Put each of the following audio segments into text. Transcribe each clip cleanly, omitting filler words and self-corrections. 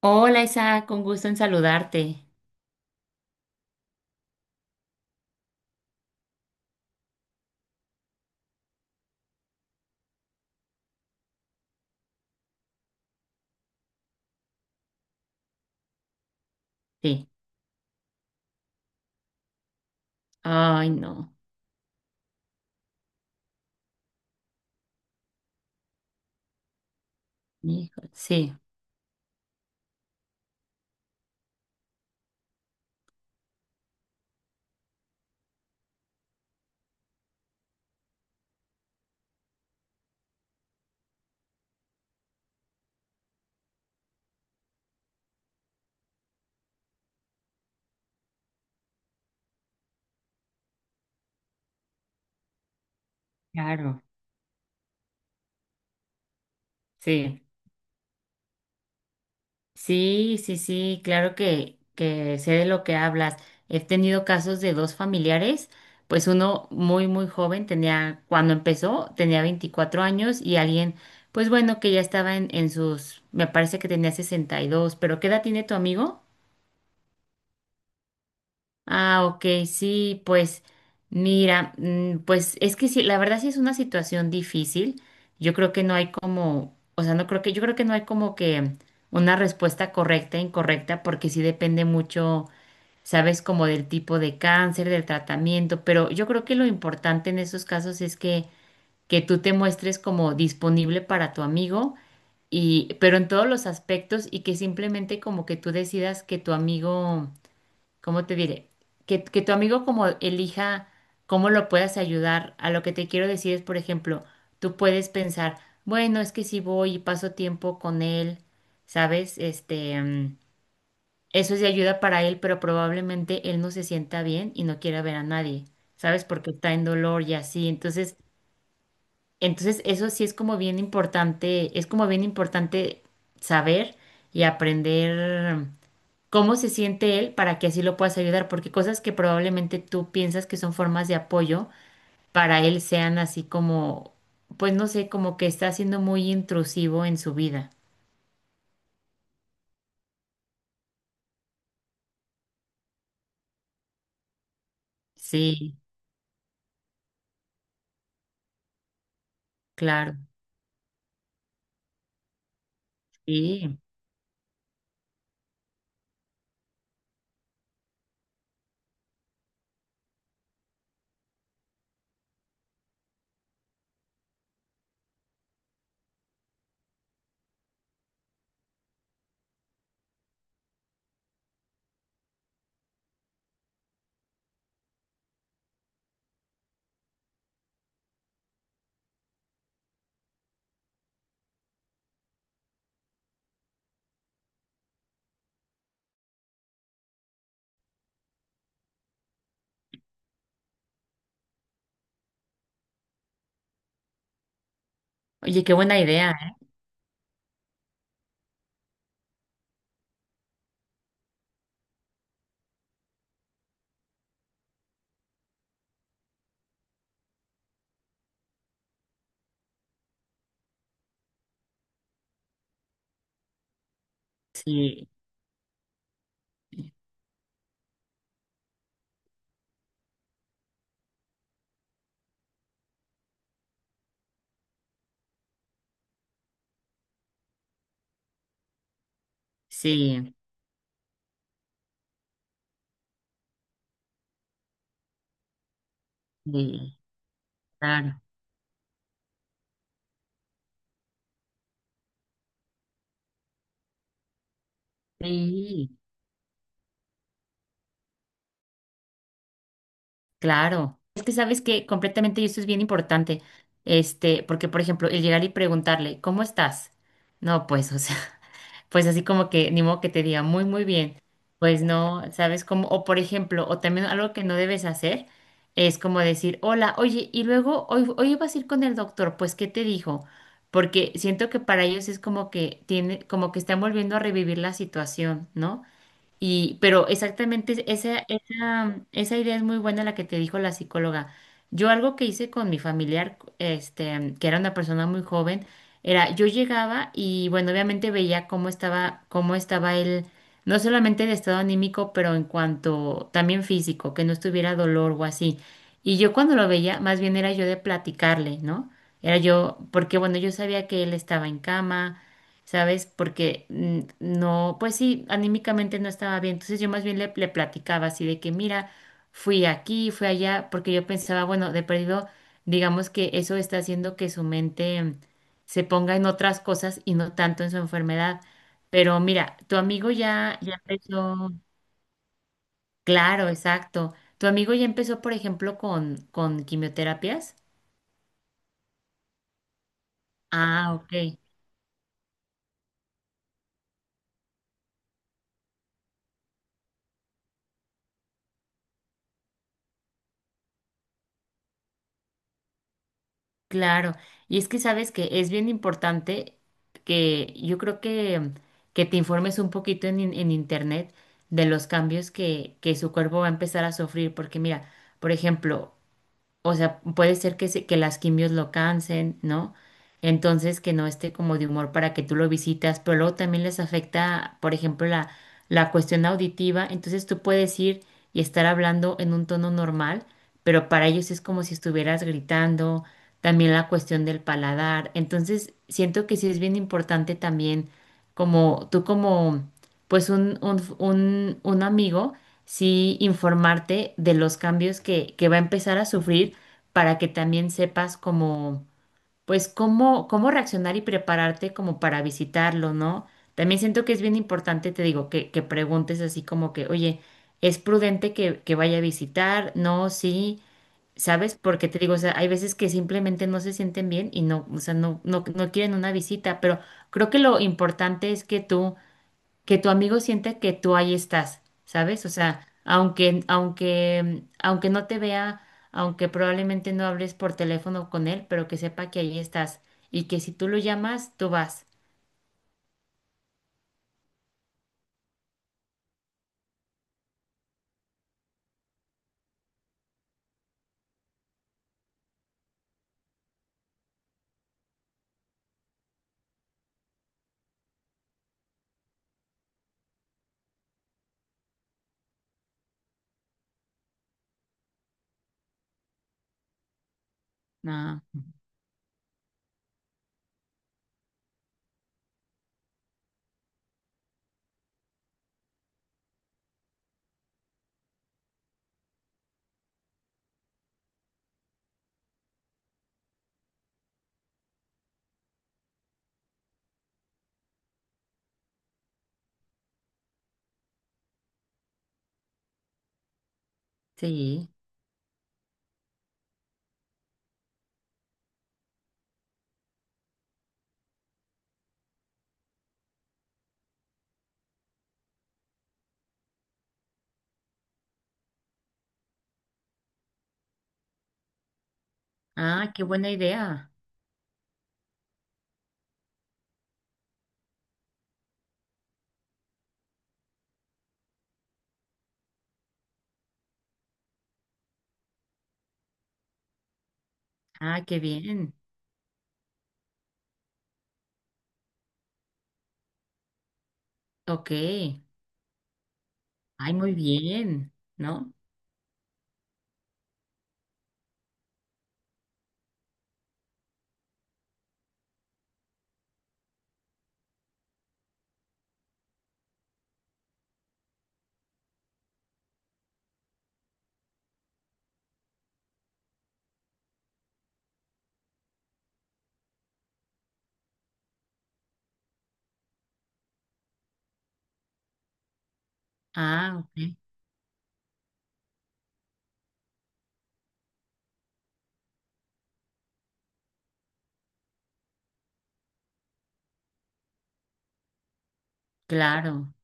Hola Isa, con gusto en saludarte. Sí. Ay, no. Hijo. Sí, claro. Sí. Sí, sí, sí, claro que sé de lo que hablas. He tenido casos de dos familiares, pues uno muy, muy joven, tenía, cuando empezó, tenía 24 años y alguien, pues bueno, que ya estaba en sus, me parece que tenía 62. Pero ¿qué edad tiene tu amigo? Ah, ok, sí, pues mira, pues es que sí, la verdad sí es una situación difícil. Yo creo que no hay como, o sea, no creo que, yo creo que no hay como que una respuesta correcta e incorrecta, porque sí depende mucho, sabes, como del tipo de cáncer, del tratamiento, pero yo creo que lo importante en esos casos es que tú te muestres como disponible para tu amigo y, pero en todos los aspectos y que simplemente como que tú decidas que tu amigo, ¿cómo te diré? Que tu amigo como elija cómo lo puedas ayudar. A lo que te quiero decir es, por ejemplo, tú puedes pensar, bueno, es que si voy y paso tiempo con él, ¿sabes? Este, eso es de ayuda para él, pero probablemente él no se sienta bien y no quiera ver a nadie, ¿sabes? Porque está en dolor y así. Entonces, entonces eso sí es como bien importante, es como bien importante saber y aprender cómo se siente él para que así lo puedas ayudar, porque cosas que probablemente tú piensas que son formas de apoyo, para él sean así como, pues no sé, como que está siendo muy intrusivo en su vida. Sí, claro, sí. Oye, qué buena idea, ¿eh? Sí, sí, sí, claro, sí, claro. Es que sabes que completamente y esto es bien importante, este, porque por ejemplo, el llegar y preguntarle, ¿cómo estás? No, pues, o sea. Pues así como que ni modo que te diga muy, muy bien, pues no, ¿sabes cómo? O por ejemplo, o también algo que no debes hacer es como decir, hola, oye, y luego hoy, hoy vas a ir con el doctor, pues ¿qué te dijo? Porque siento que para ellos es como que tiene, como que están volviendo a revivir la situación, ¿no? Y, pero exactamente esa, esa, esa idea es muy buena la que te dijo la psicóloga. Yo algo que hice con mi familiar, este, que era una persona muy joven, era yo llegaba y bueno, obviamente veía cómo estaba él, no solamente de estado anímico, pero en cuanto también físico, que no estuviera dolor o así. Y yo cuando lo veía, más bien era yo de platicarle, ¿no? Era yo, porque bueno, yo sabía que él estaba en cama, ¿sabes? Porque no, pues sí, anímicamente no estaba bien. Entonces yo más bien le, le platicaba así de que, mira, fui aquí, fui allá, porque yo pensaba, bueno, de perdido, digamos que eso está haciendo que su mente se ponga en otras cosas y no tanto en su enfermedad. Pero mira, tu amigo ya, ya empezó, claro, exacto. Tu amigo ya empezó, por ejemplo, con quimioterapias. Ah, ok. Claro, y es que sabes que es bien importante que yo creo que te informes un poquito en, en internet de los cambios que su cuerpo va a empezar a sufrir, porque mira, por ejemplo, o sea, puede ser que, que las quimios lo cansen, ¿no? Entonces que no esté como de humor para que tú lo visitas, pero luego también les afecta, por ejemplo, la cuestión auditiva, entonces tú puedes ir y estar hablando en un tono normal, pero para ellos es como si estuvieras gritando, también la cuestión del paladar, entonces siento que sí es bien importante también como tú como pues un, un amigo sí informarte de los cambios que va a empezar a sufrir para que también sepas cómo, pues cómo, cómo reaccionar y prepararte como para visitarlo, ¿no? También siento que es bien importante, te digo, que preguntes así como que, oye, ¿es prudente que vaya a visitar? No, sí, ¿sabes? Porque te digo, o sea, hay veces que simplemente no se sienten bien y no, o sea, no, no, no quieren una visita, pero creo que lo importante es que tú que tu amigo sienta que tú ahí estás, ¿sabes? O sea, aunque, aunque, aunque no te vea, aunque probablemente no hables por teléfono con él, pero que sepa que ahí estás y que si tú lo llamas, tú vas. Ah, sí. Ah, qué buena idea. Ah, qué bien. Ok. Ay, muy bien, ¿no? Ah, ok. Claro.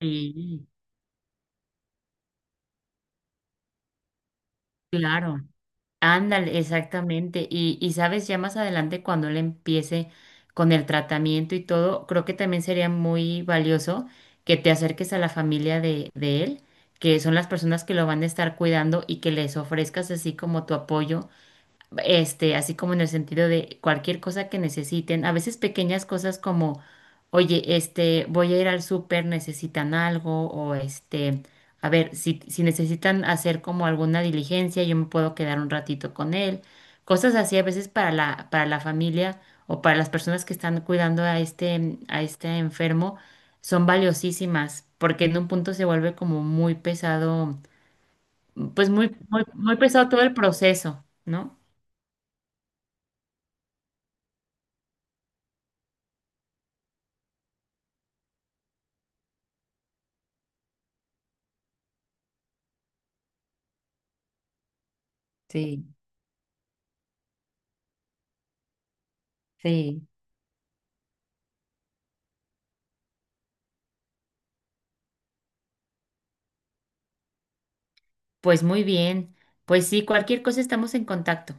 Sí, claro. Ándale, exactamente. Y sabes, ya más adelante cuando él empiece con el tratamiento y todo, creo que también sería muy valioso que te acerques a la familia de él, que son las personas que lo van a estar cuidando y que les ofrezcas así como tu apoyo este, así como en el sentido de cualquier cosa que necesiten, a veces pequeñas cosas como, oye, este, voy a ir al súper, necesitan algo, o este, a ver, si, si necesitan hacer como alguna diligencia, yo me puedo quedar un ratito con él, cosas así a veces para la familia o para las personas que están cuidando a este enfermo, son valiosísimas, porque en un punto se vuelve como muy pesado, pues muy, muy, muy pesado todo el proceso, ¿no? Sí. Sí, pues muy bien. Pues sí, cualquier cosa estamos en contacto.